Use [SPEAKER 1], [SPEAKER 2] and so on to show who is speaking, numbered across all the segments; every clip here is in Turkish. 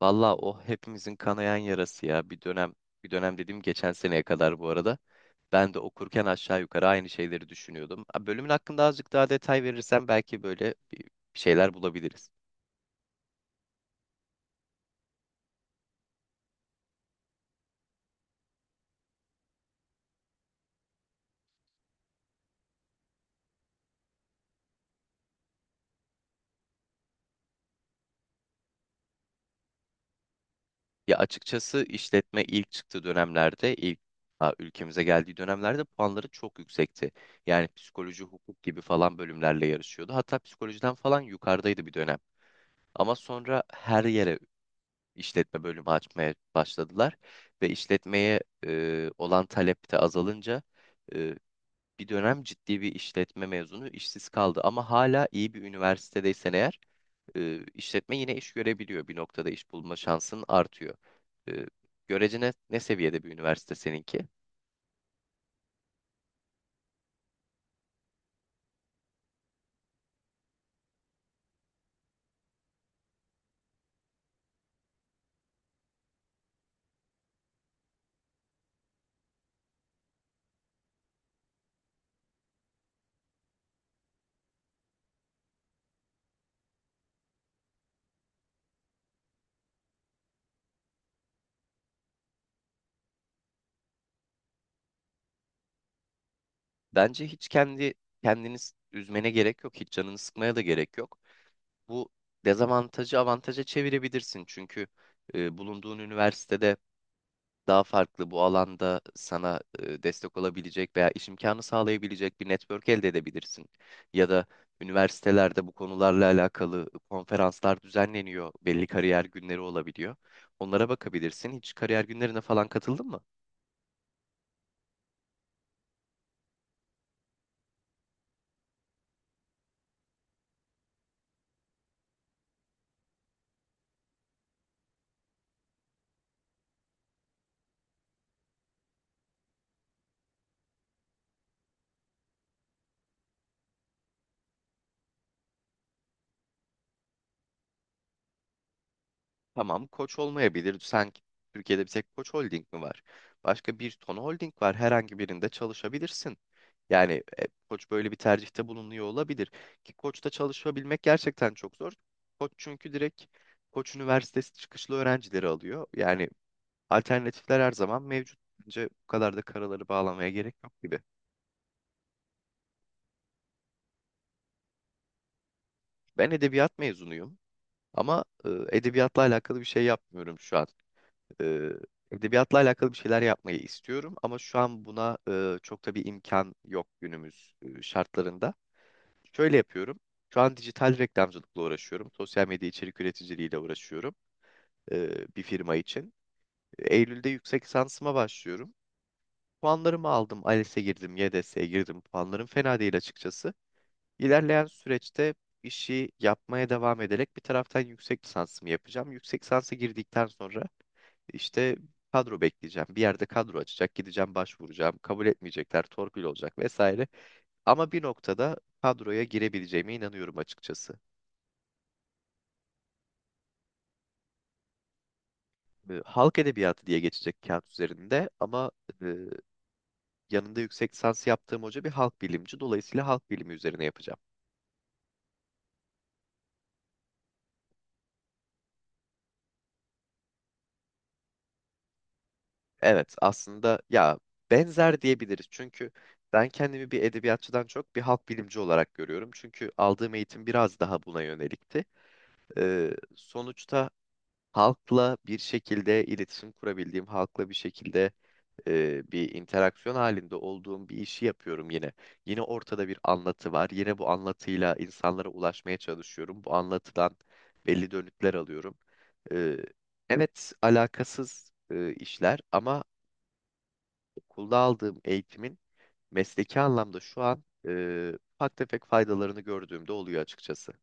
[SPEAKER 1] Valla o hepimizin kanayan yarası ya. Bir dönem, bir dönem dediğim geçen seneye kadar bu arada. Ben de okurken aşağı yukarı aynı şeyleri düşünüyordum. Ha, bölümün hakkında azıcık daha detay verirsen belki böyle bir şeyler bulabiliriz. Ya açıkçası işletme ilk çıktığı dönemlerde, ülkemize geldiği dönemlerde puanları çok yüksekti. Yani psikoloji, hukuk gibi falan bölümlerle yarışıyordu. Hatta psikolojiden falan yukarıdaydı bir dönem. Ama sonra her yere işletme bölümü açmaya başladılar ve işletmeye olan talep de azalınca e, bir dönem ciddi bir işletme mezunu işsiz kaldı ama hala iyi bir üniversitedeysen eğer işletme yine iş görebiliyor. Bir noktada iş bulma şansın artıyor. E, Görece ne seviyede bir üniversite seninki? Bence hiç kendi kendiniz üzmene gerek yok, hiç canını sıkmaya da gerek yok. Bu dezavantajı avantaja çevirebilirsin çünkü bulunduğun üniversitede daha farklı bu alanda sana destek olabilecek veya iş imkanı sağlayabilecek bir network elde edebilirsin. Ya da üniversitelerde bu konularla alakalı konferanslar düzenleniyor. Belli kariyer günleri olabiliyor. Onlara bakabilirsin. Hiç kariyer günlerine falan katıldın mı? Tamam, Koç olmayabilir. Sen Türkiye'de bir tek Koç Holding mi var? Başka bir ton holding var. Herhangi birinde çalışabilirsin. Yani Koç böyle bir tercihte bulunuyor olabilir. Ki Koç'ta çalışabilmek gerçekten çok zor. Koç çünkü direkt Koç Üniversitesi çıkışlı öğrencileri alıyor. Yani alternatifler her zaman mevcut. Bence bu kadar da karaları bağlamaya gerek yok gibi. Ben edebiyat mezunuyum ama edebiyatla alakalı bir şey yapmıyorum şu an. e, Edebiyatla alakalı bir şeyler yapmayı istiyorum ama şu an buna çok da bir imkan yok günümüz şartlarında. Şöyle yapıyorum. Şu an dijital reklamcılıkla uğraşıyorum. Sosyal medya içerik üreticiliğiyle uğraşıyorum bir firma için. Eylül'de yüksek lisansıma başlıyorum. Puanlarımı aldım. ALES'e girdim, YDS'e girdim. Puanlarım fena değil açıkçası. İlerleyen süreçte işi yapmaya devam ederek bir taraftan yüksek lisansımı yapacağım. Yüksek lisansa girdikten sonra işte kadro bekleyeceğim. Bir yerde kadro açacak. Gideceğim başvuracağım. Kabul etmeyecekler. Torpil olacak vesaire. Ama bir noktada kadroya girebileceğime inanıyorum açıkçası. Halk edebiyatı diye geçecek kağıt üzerinde ama e, yanında yüksek lisans yaptığım hoca bir halk bilimci. Dolayısıyla halk bilimi üzerine yapacağım. Evet aslında ya benzer diyebiliriz. Çünkü ben kendimi bir edebiyatçıdan çok bir halk bilimci olarak görüyorum. Çünkü aldığım eğitim biraz daha buna yönelikti. Sonuçta halkla bir şekilde iletişim kurabildiğim, halkla bir şekilde bir interaksiyon halinde olduğum bir işi yapıyorum yine. Yine ortada bir anlatı var. Yine bu anlatıyla insanlara ulaşmaya çalışıyorum. Bu anlatıdan belli dönütler alıyorum. E, evet, alakasız işler ama okulda aldığım eğitimin mesleki anlamda şu an ufak tefek faydalarını gördüğümde oluyor açıkçası.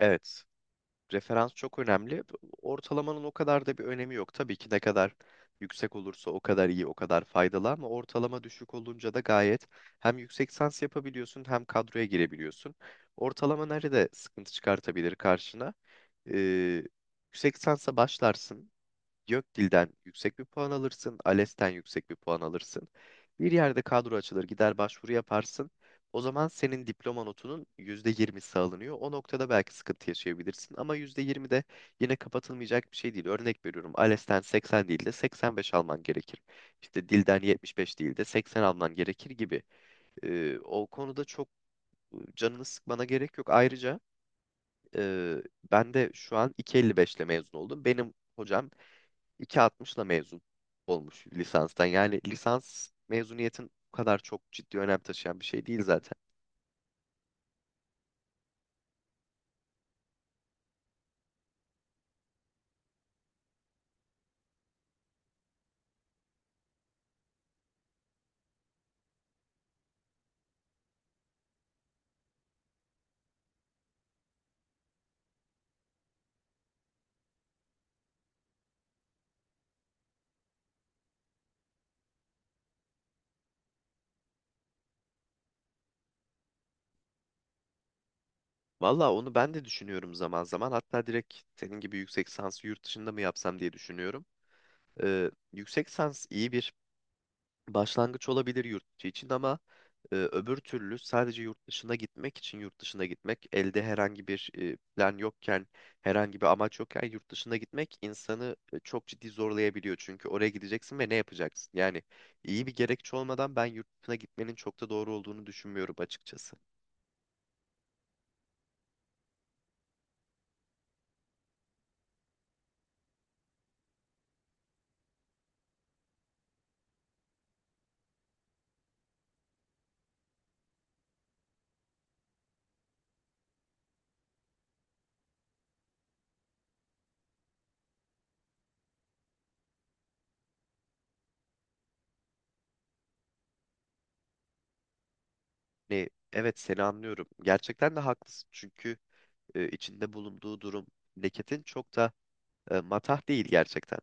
[SPEAKER 1] Evet. Referans çok önemli. Ortalamanın o kadar da bir önemi yok. Tabii ki ne kadar yüksek olursa o kadar iyi, o kadar faydalı ama ortalama düşük olunca da gayet hem yüksek lisans yapabiliyorsun hem kadroya girebiliyorsun. Ortalama nerede sıkıntı çıkartabilir karşına? Ee, Yüksek lisansa başlarsın. Gökdil'den yüksek bir puan alırsın, ALES'ten yüksek bir puan alırsın. Bir yerde kadro açılır, gider başvuru yaparsın. O zaman senin diploma notunun %20'si alınıyor. O noktada belki sıkıntı yaşayabilirsin ama %20 de yine kapatılmayacak bir şey değil. Örnek veriyorum, ALES'ten 80 değil de 85 alman gerekir. İşte dilden 75 değil de 80 alman gerekir gibi. O konuda çok canını sıkmana gerek yok. Ayrıca e, ben de şu an 2.55 ile mezun oldum. Benim hocam 2.60'la mezun olmuş lisanstan. Yani lisans mezuniyetin bu kadar çok ciddi önem taşıyan bir şey değil zaten. Valla onu ben de düşünüyorum zaman zaman. Hatta direkt senin gibi yüksek lisansı yurt dışında mı yapsam diye düşünüyorum. Yüksek lisans iyi bir başlangıç olabilir yurt içi için ama öbür türlü sadece yurt dışına gitmek için yurt dışına gitmek elde herhangi bir plan yokken herhangi bir amaç yokken yurt dışına gitmek insanı çok ciddi zorlayabiliyor. Çünkü oraya gideceksin ve ne yapacaksın? Yani iyi bir gerekçe olmadan ben yurt dışına gitmenin çok da doğru olduğunu düşünmüyorum açıkçası. Ne, evet seni anlıyorum. Gerçekten de haklısın. Çünkü içinde bulunduğu durum leketin çok da matah değil gerçekten.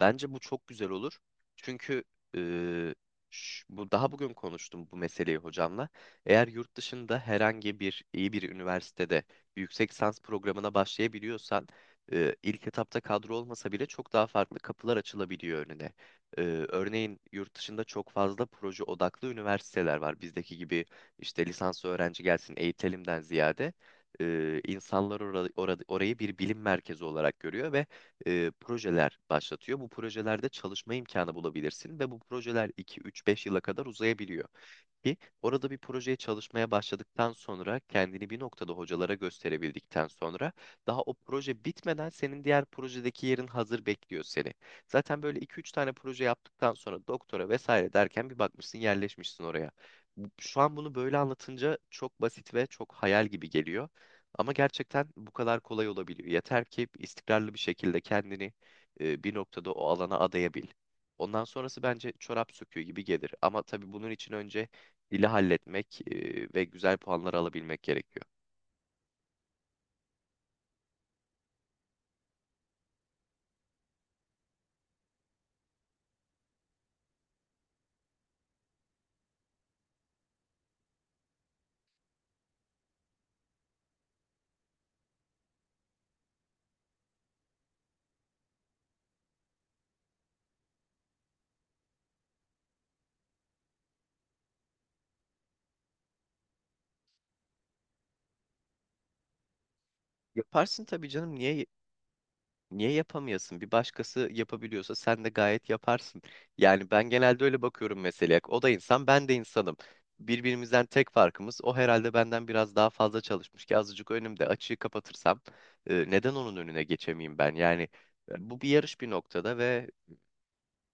[SPEAKER 1] Bence bu çok güzel olur. Çünkü eee, bu daha bugün konuştum bu meseleyi hocamla. Eğer yurt dışında herhangi bir iyi bir üniversitede yüksek lisans programına başlayabiliyorsan ilk etapta kadro olmasa bile çok daha farklı kapılar açılabiliyor önüne. Örneğin yurt dışında çok fazla proje odaklı üniversiteler var. Bizdeki gibi işte lisans öğrenci gelsin eğitelimden ziyade insanlar orayı bir bilim merkezi olarak görüyor ve projeler başlatıyor. Bu projelerde çalışma imkanı bulabilirsin ve bu projeler 2, 3, 5 yıla kadar uzayabiliyor ki orada bir projeye çalışmaya başladıktan sonra kendini bir noktada hocalara gösterebildikten sonra daha o proje bitmeden senin diğer projedeki yerin hazır bekliyor seni. Zaten böyle iki üç tane proje yaptıktan sonra doktora vesaire derken bir bakmışsın yerleşmişsin oraya. Şu an bunu böyle anlatınca çok basit ve çok hayal gibi geliyor. Ama gerçekten bu kadar kolay olabiliyor. Yeter ki istikrarlı bir şekilde kendini bir noktada o alana adayabil. Ondan sonrası bence çorap söküğü gibi gelir. Ama tabii bunun için önce dili halletmek ve güzel puanlar alabilmek gerekiyor. Yaparsın tabii canım. Niye yapamayasın? Bir başkası yapabiliyorsa sen de gayet yaparsın. Yani ben genelde öyle bakıyorum meseleye. O da insan, ben de insanım. Birbirimizden tek farkımız o herhalde benden biraz daha fazla çalışmış ki azıcık önümde açığı kapatırsam neden onun önüne geçemeyeyim ben? Yani bu bir yarış bir noktada ve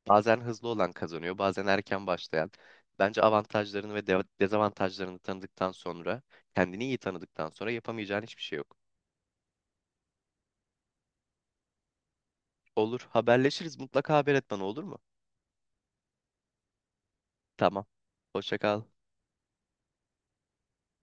[SPEAKER 1] bazen hızlı olan kazanıyor, bazen erken başlayan. Bence avantajlarını ve dezavantajlarını tanıdıktan sonra, kendini iyi tanıdıktan sonra yapamayacağın hiçbir şey yok. Olur, haberleşiriz. Mutlaka haber et bana olur mu? Tamam. Hoşça kal.